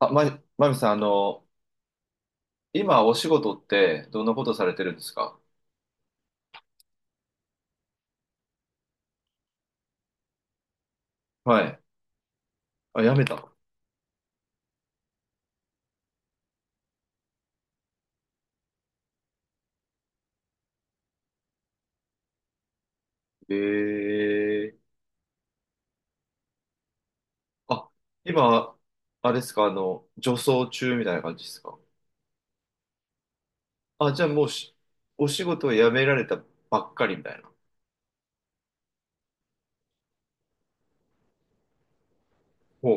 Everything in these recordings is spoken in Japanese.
あ、まみさん、今お仕事ってどんなことされてるんですか？はい。あ、やめた。ええ、あ、今、あれですか、女装中みたいな感じですか？あ、じゃあもうし、お仕事を辞められたばっかりみたいな。ほ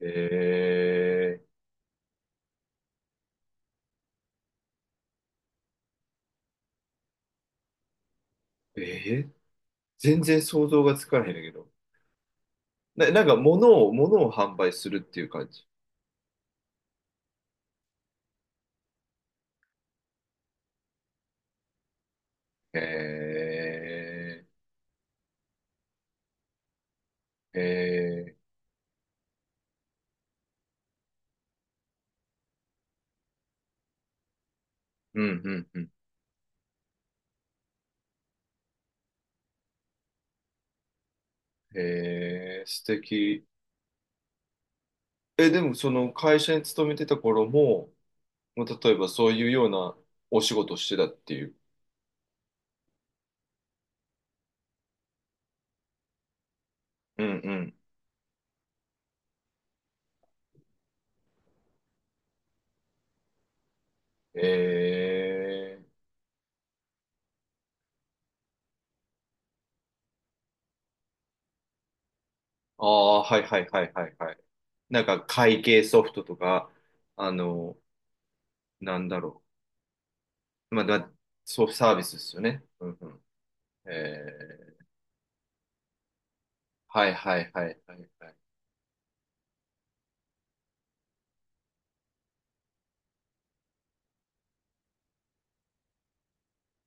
う。ええええ、全然想像がつかないんだけど。なんか物を販売するっていう感じ。ええええ、うんうんうん。ええ、素敵。え、でもその会社に勤めてた頃も、もう例えばそういうようなお仕事をしてたっていう。うんうん。ええ、ああ、はいはいはいはいはい。なんか会計ソフトとか、あの、なんだろう。まあ、そう、サービスですよね。うんうん。ええ、はいはいはいはいはい。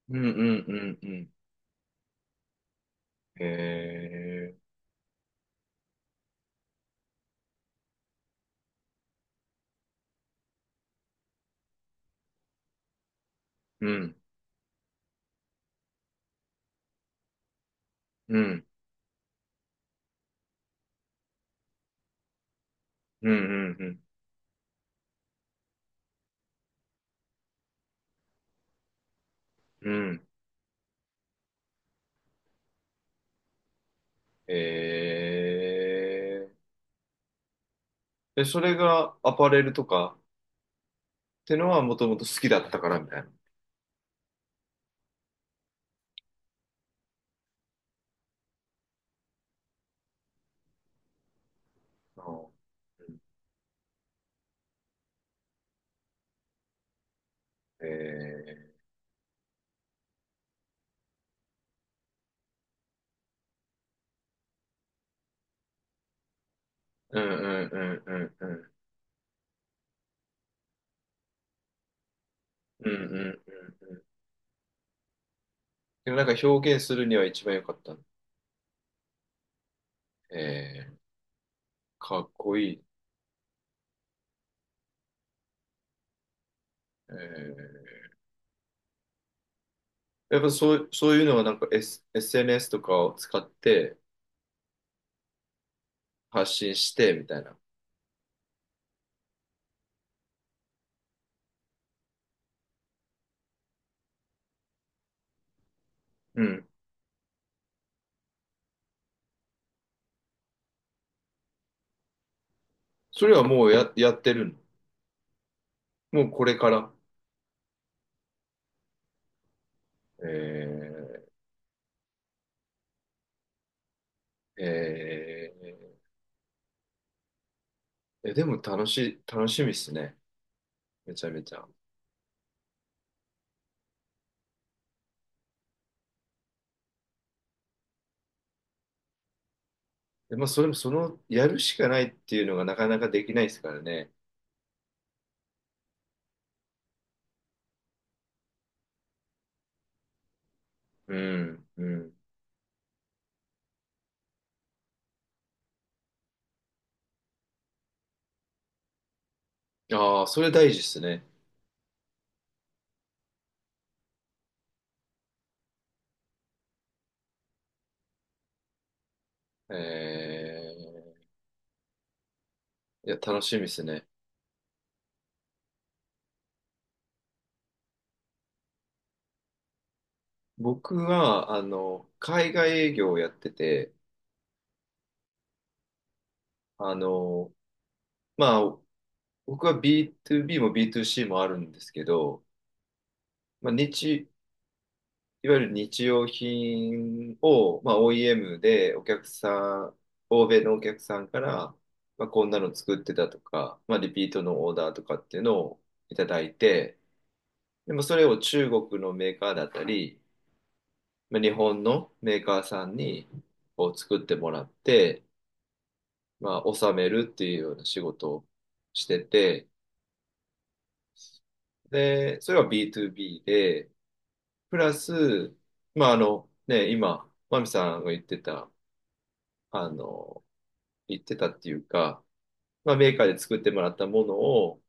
うんうんうんうん。ええ、うんうんうんうんうん。うん。ええ。で、それがアパレルとか、ってのはもともと好きだったからみたいな。うん、えうんうんうんうんうんうんうんうん、でもなんか表現するには一番良かった。えー、かっこいい。えー、やっぱそう、そういうのはなんか、SNS とかを使って発信してみたいな。うん。それはもうやってるの？もうこれから。えー、えでも楽しみっすね。めちゃめちゃ。で、まあ、それもその、やるしかないっていうのがなかなかできないですからね。うん、うん。ああ、それ大事ですね。えいや、楽しみですね。僕は、海外営業をやってて、あの、まあ、僕は B2B も B2C もあるんですけど、まあ、いわゆる日用品を、まあ、OEM でお客さん、欧米のお客さんから、まあ、こんなの作ってたとか、まあ、リピートのオーダーとかっていうのをいただいて、でもそれを中国のメーカーだったり、まあ、日本のメーカーさんにこう作ってもらって、まあ、納めるっていうような仕事をしてて、で、それは BOB で、プラス、まあ、ね、今、マミさんが言ってた、あの、言ってたっていうか、まあ、メーカーで作ってもらったものを、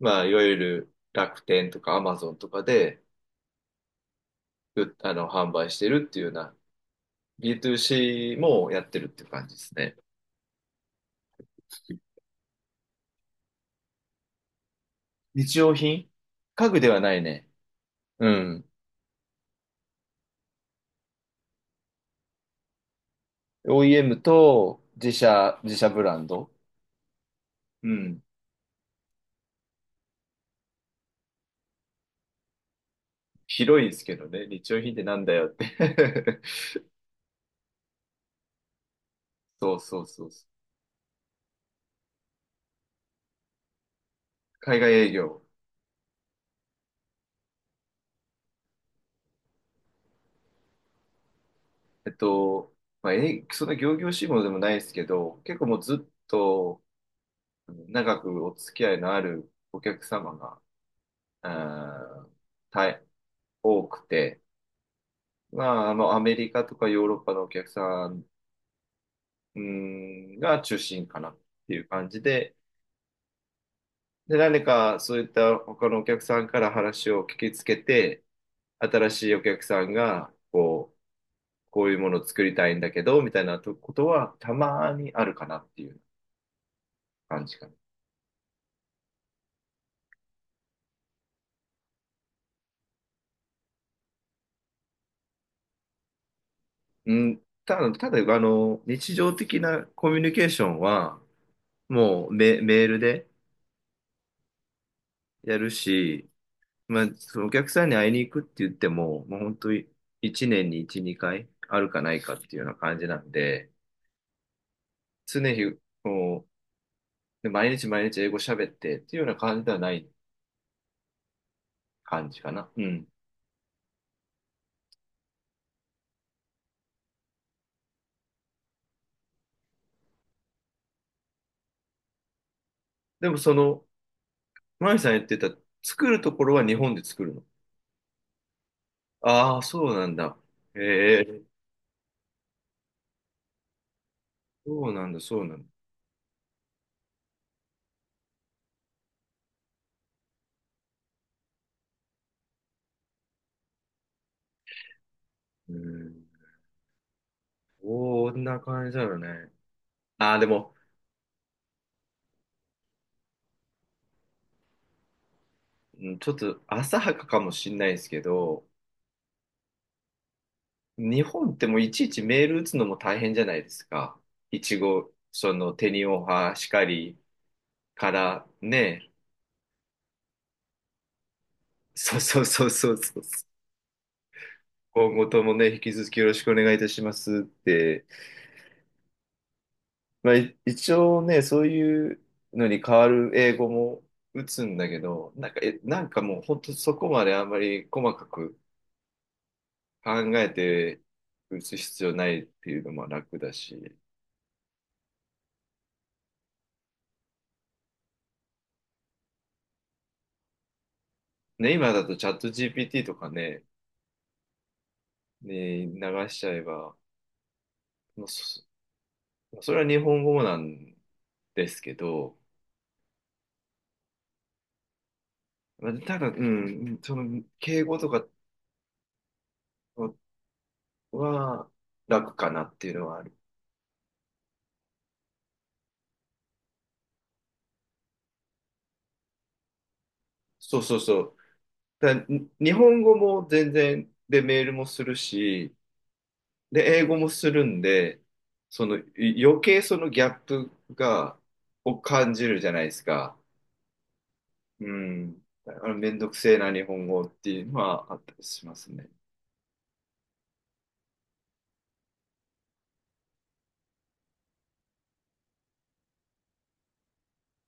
まあ、いわゆる楽天とかアマゾンとかで、うあの、販売してるっていうような、B2C もやってるっていう感じですね。日用品。家具ではないね。うん。OEM と自社ブランド。うん。広いですけどね。日用品ってなんだよって。 そうそうそうそう。海外営業。えっと、まあ、そんな仰々しいものでもないですけど、結構もうずっと長くお付き合いのあるお客様が、あー大多くて、まあ、アメリカとかヨーロッパのお客さん、うん、が中心かなっていう感じで、で、何かそういった他のお客さんから話を聞きつけて、新しいお客さんが、こう、こういうものを作りたいんだけど、みたいなとことはたまにあるかなっていう感じかな。うん、ただ、日常的なコミュニケーションは、もうメールでやるし、まあ、そのお客さんに会いに行くって言っても、もう本当に1年に1、2回あるかないかっていうような感じなんで、常日、もう、で毎日毎日英語喋ってっていうような感じではない感じかな。うん。でもその、マイさん言ってた、作るところは日本で作るの？ああ、そうなんだ。ええ、そうなんだ、そうなんだ。うん。こんな感じだよね。ああ、でも、うん、ちょっと浅はかかもしんないですけど、日本ってもういちいちメール打つのも大変じゃないですか。いちごそのテニオハしかりからね、そうそうそうそうそう。今後ともね、引き続きよろしくお願いいたしますって。まあ、一応ね、そういうのに変わる英語も打つんだけど、なんか、なんかもう本当そこまであんまり細かく考えて打つ必要ないっていうのも楽だし。ね、今だとチャット GPT とかね、ね、流しちゃえば、まあそれは日本語なんですけど、まあただ、うん、その、敬語とかは楽かなっていうのはある。そうそうそう。だからに日本語も全然、で、メールもするし、で、英語もするんで、その、余計そのギャップを感じるじゃないですか。うん。めんどくせえな日本語っていうのはあったりしますね。